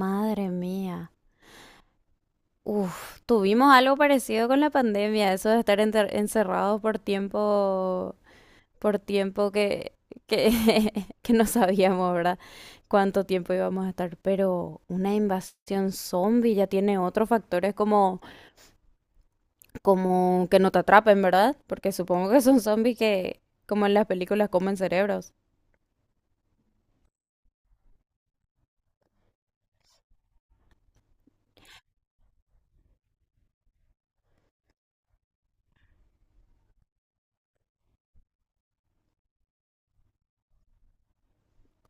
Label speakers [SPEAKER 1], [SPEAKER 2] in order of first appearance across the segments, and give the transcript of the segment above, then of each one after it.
[SPEAKER 1] Madre mía. Uf, tuvimos algo parecido con la pandemia, eso de estar encerrados por tiempo que, que no sabíamos, ¿verdad? Cuánto tiempo íbamos a estar, pero una invasión zombie ya tiene otros factores como, como que no te atrapen, ¿verdad? Porque supongo que son zombies que, como en las películas, comen cerebros.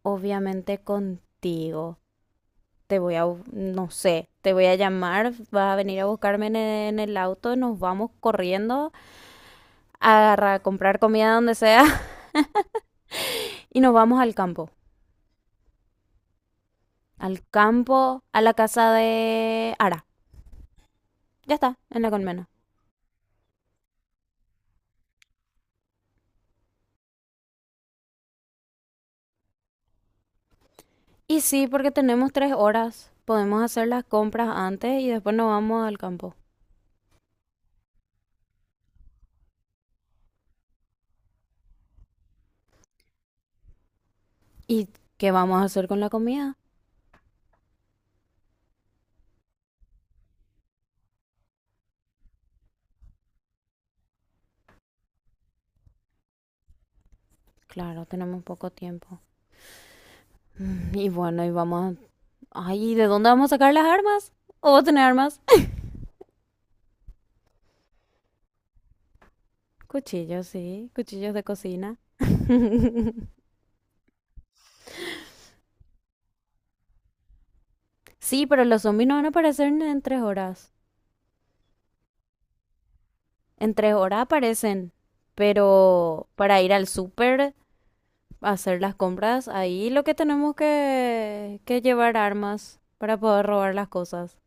[SPEAKER 1] Obviamente contigo. Te voy a, no sé, te voy a llamar, vas a venir a buscarme en en el auto, nos vamos corriendo a, a comprar comida donde sea y nos vamos al campo. Al campo, a la casa de Ara. Ya está, en la colmena. Y sí, porque tenemos tres horas. Podemos hacer las compras antes y después nos vamos al campo. ¿Y qué vamos a hacer con la comida? Claro, tenemos poco tiempo. Y bueno, y vamos a... Ay, ¿y ¿de dónde vamos a sacar las armas? ¿O vos tenés armas? Cuchillos, sí. Cuchillos de cocina. Sí, pero los zombies no van a aparecer en tres horas. En tres horas aparecen. Pero para ir al súper, hacer las compras, ahí lo que tenemos que llevar armas para poder robar las cosas.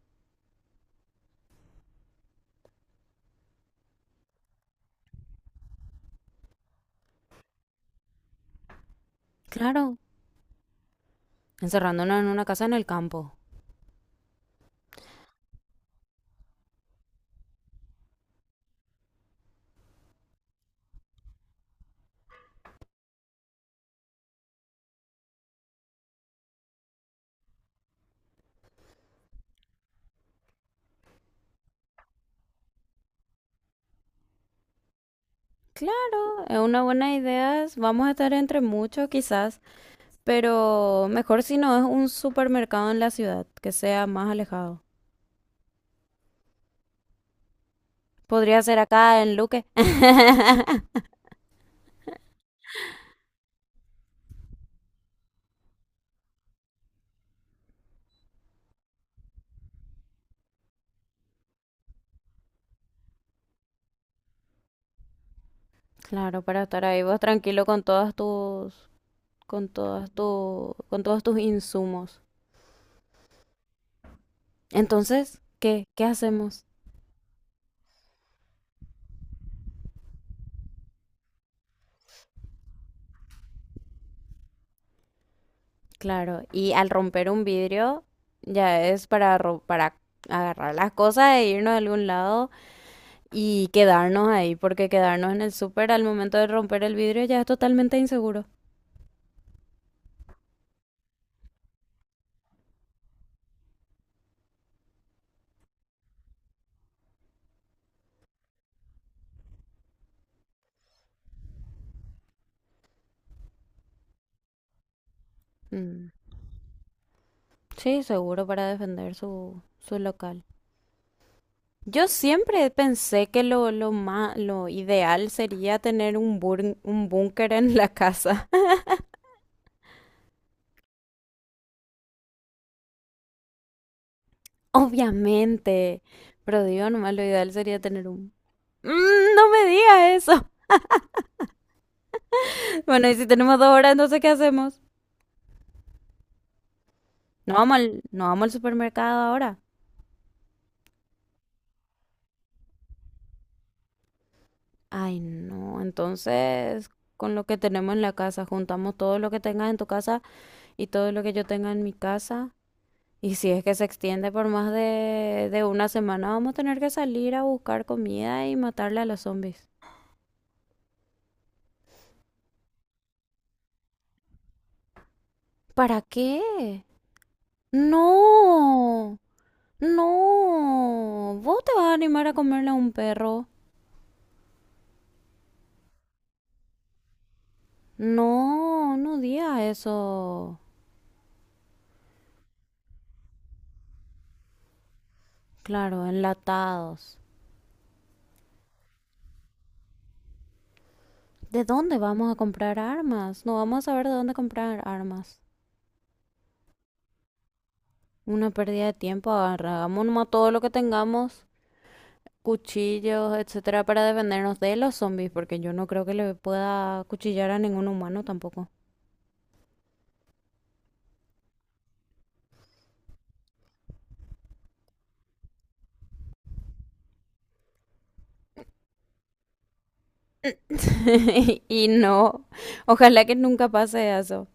[SPEAKER 1] Claro. Encerrándonos en una casa en el campo. Claro, es una buena idea. Es... vamos a estar entre muchos quizás, pero mejor si no es un supermercado en la ciudad, que sea más alejado. Podría ser acá en Luque. Claro, para estar ahí vos tranquilo con todas tus, con todas tu, con todos tus insumos. Entonces, ¿qué? ¿Qué hacemos? Claro, y al romper un vidrio ya es para para agarrar las cosas e irnos a algún lado y quedarnos ahí, porque quedarnos en el súper al momento de romper el vidrio ya es totalmente inseguro. Mm, sí, seguro para defender su local. Yo siempre pensé que lo lo ideal sería tener un un búnker en la casa. Obviamente. Pero digo, nomás lo ideal sería tener un... Mm, no me digas eso. Bueno, y si tenemos dos horas, entonces ¿qué hacemos? No vamos al supermercado ahora. Ay, no. Entonces, con lo que tenemos en la casa, juntamos todo lo que tengas en tu casa y todo lo que yo tenga en mi casa. Y si es que se extiende por más de una semana, vamos a tener que salir a buscar comida y matarle a los zombies. ¿Para qué? No, no. ¿Vos te vas a animar a comerle a un perro? No, no digas eso. Claro, enlatados. ¿De dónde vamos a comprar armas? No vamos a saber de dónde comprar armas. Una pérdida de tiempo, agarramos nomás todo lo que tengamos, cuchillos, etcétera, para defendernos de los zombies, porque yo no creo que le pueda cuchillar a ningún humano tampoco. Y no, ojalá que nunca pase eso.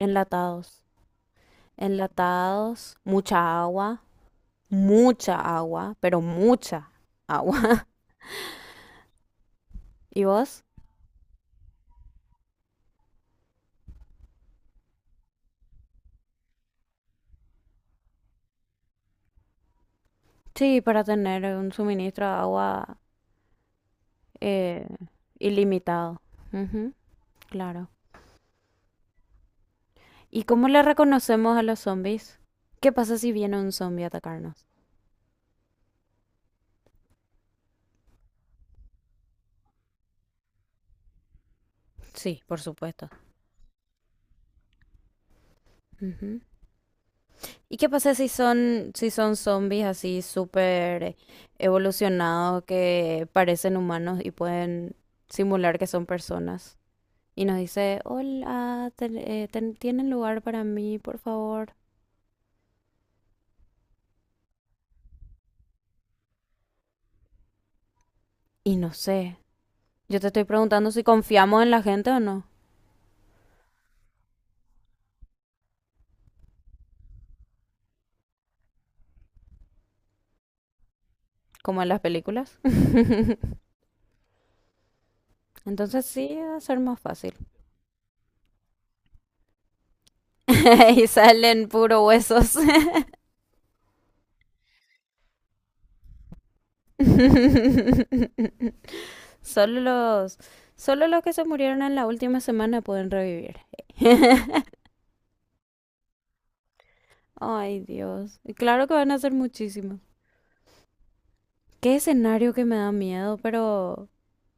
[SPEAKER 1] Enlatados, enlatados, mucha agua, pero mucha agua. ¿Y vos? Sí, para tener un suministro de agua eh, ilimitado. Ujú, claro. ¿Y cómo le reconocemos a los zombies? ¿Qué pasa si viene un zombie a atacarnos? Sí, por supuesto. Ujú. ¿Y qué pasa si son, si son zombies así súper evolucionados que parecen humanos y pueden simular que son personas? Y nos dice, hola, ¿tienen lugar para mí, por favor? Y no sé, yo te estoy preguntando si confiamos en la gente o no, como en las películas. Entonces sí, va a ser más fácil. Y salen puro huesos. Solo los, solo los que se murieron en la última semana pueden revivir. Ay, Dios. Y claro que van a ser muchísimos. Qué escenario que me da miedo, pero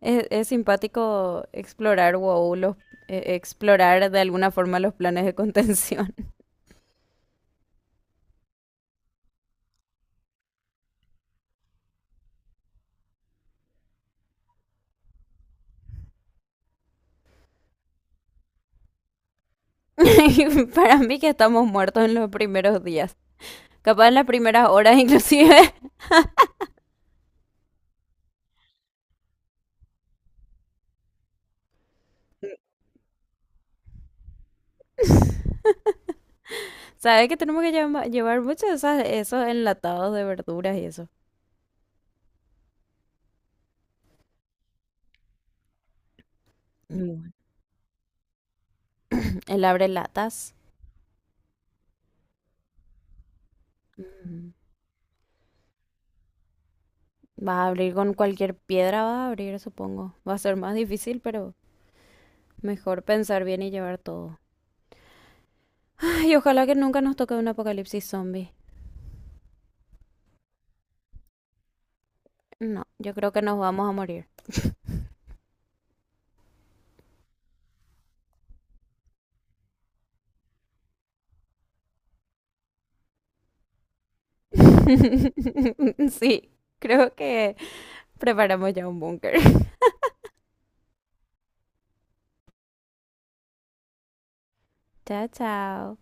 [SPEAKER 1] es simpático explorar, wow, los, explorar de alguna forma los planes de contención. Y para mí que estamos muertos en los primeros días. Capaz en las primeras horas inclusive. ¿Sabes que tenemos que llevar muchos de esos enlatados de verduras y eso? Mm. El abre latas. Mm, va a abrir con cualquier piedra, va a abrir, supongo. Va a ser más difícil, pero mejor pensar bien y llevar todo. Ay, ojalá que nunca nos toque un apocalipsis zombie. No, yo creo que nos vamos a morir. Sí, creo que preparamos ya un búnker. Chao, chao.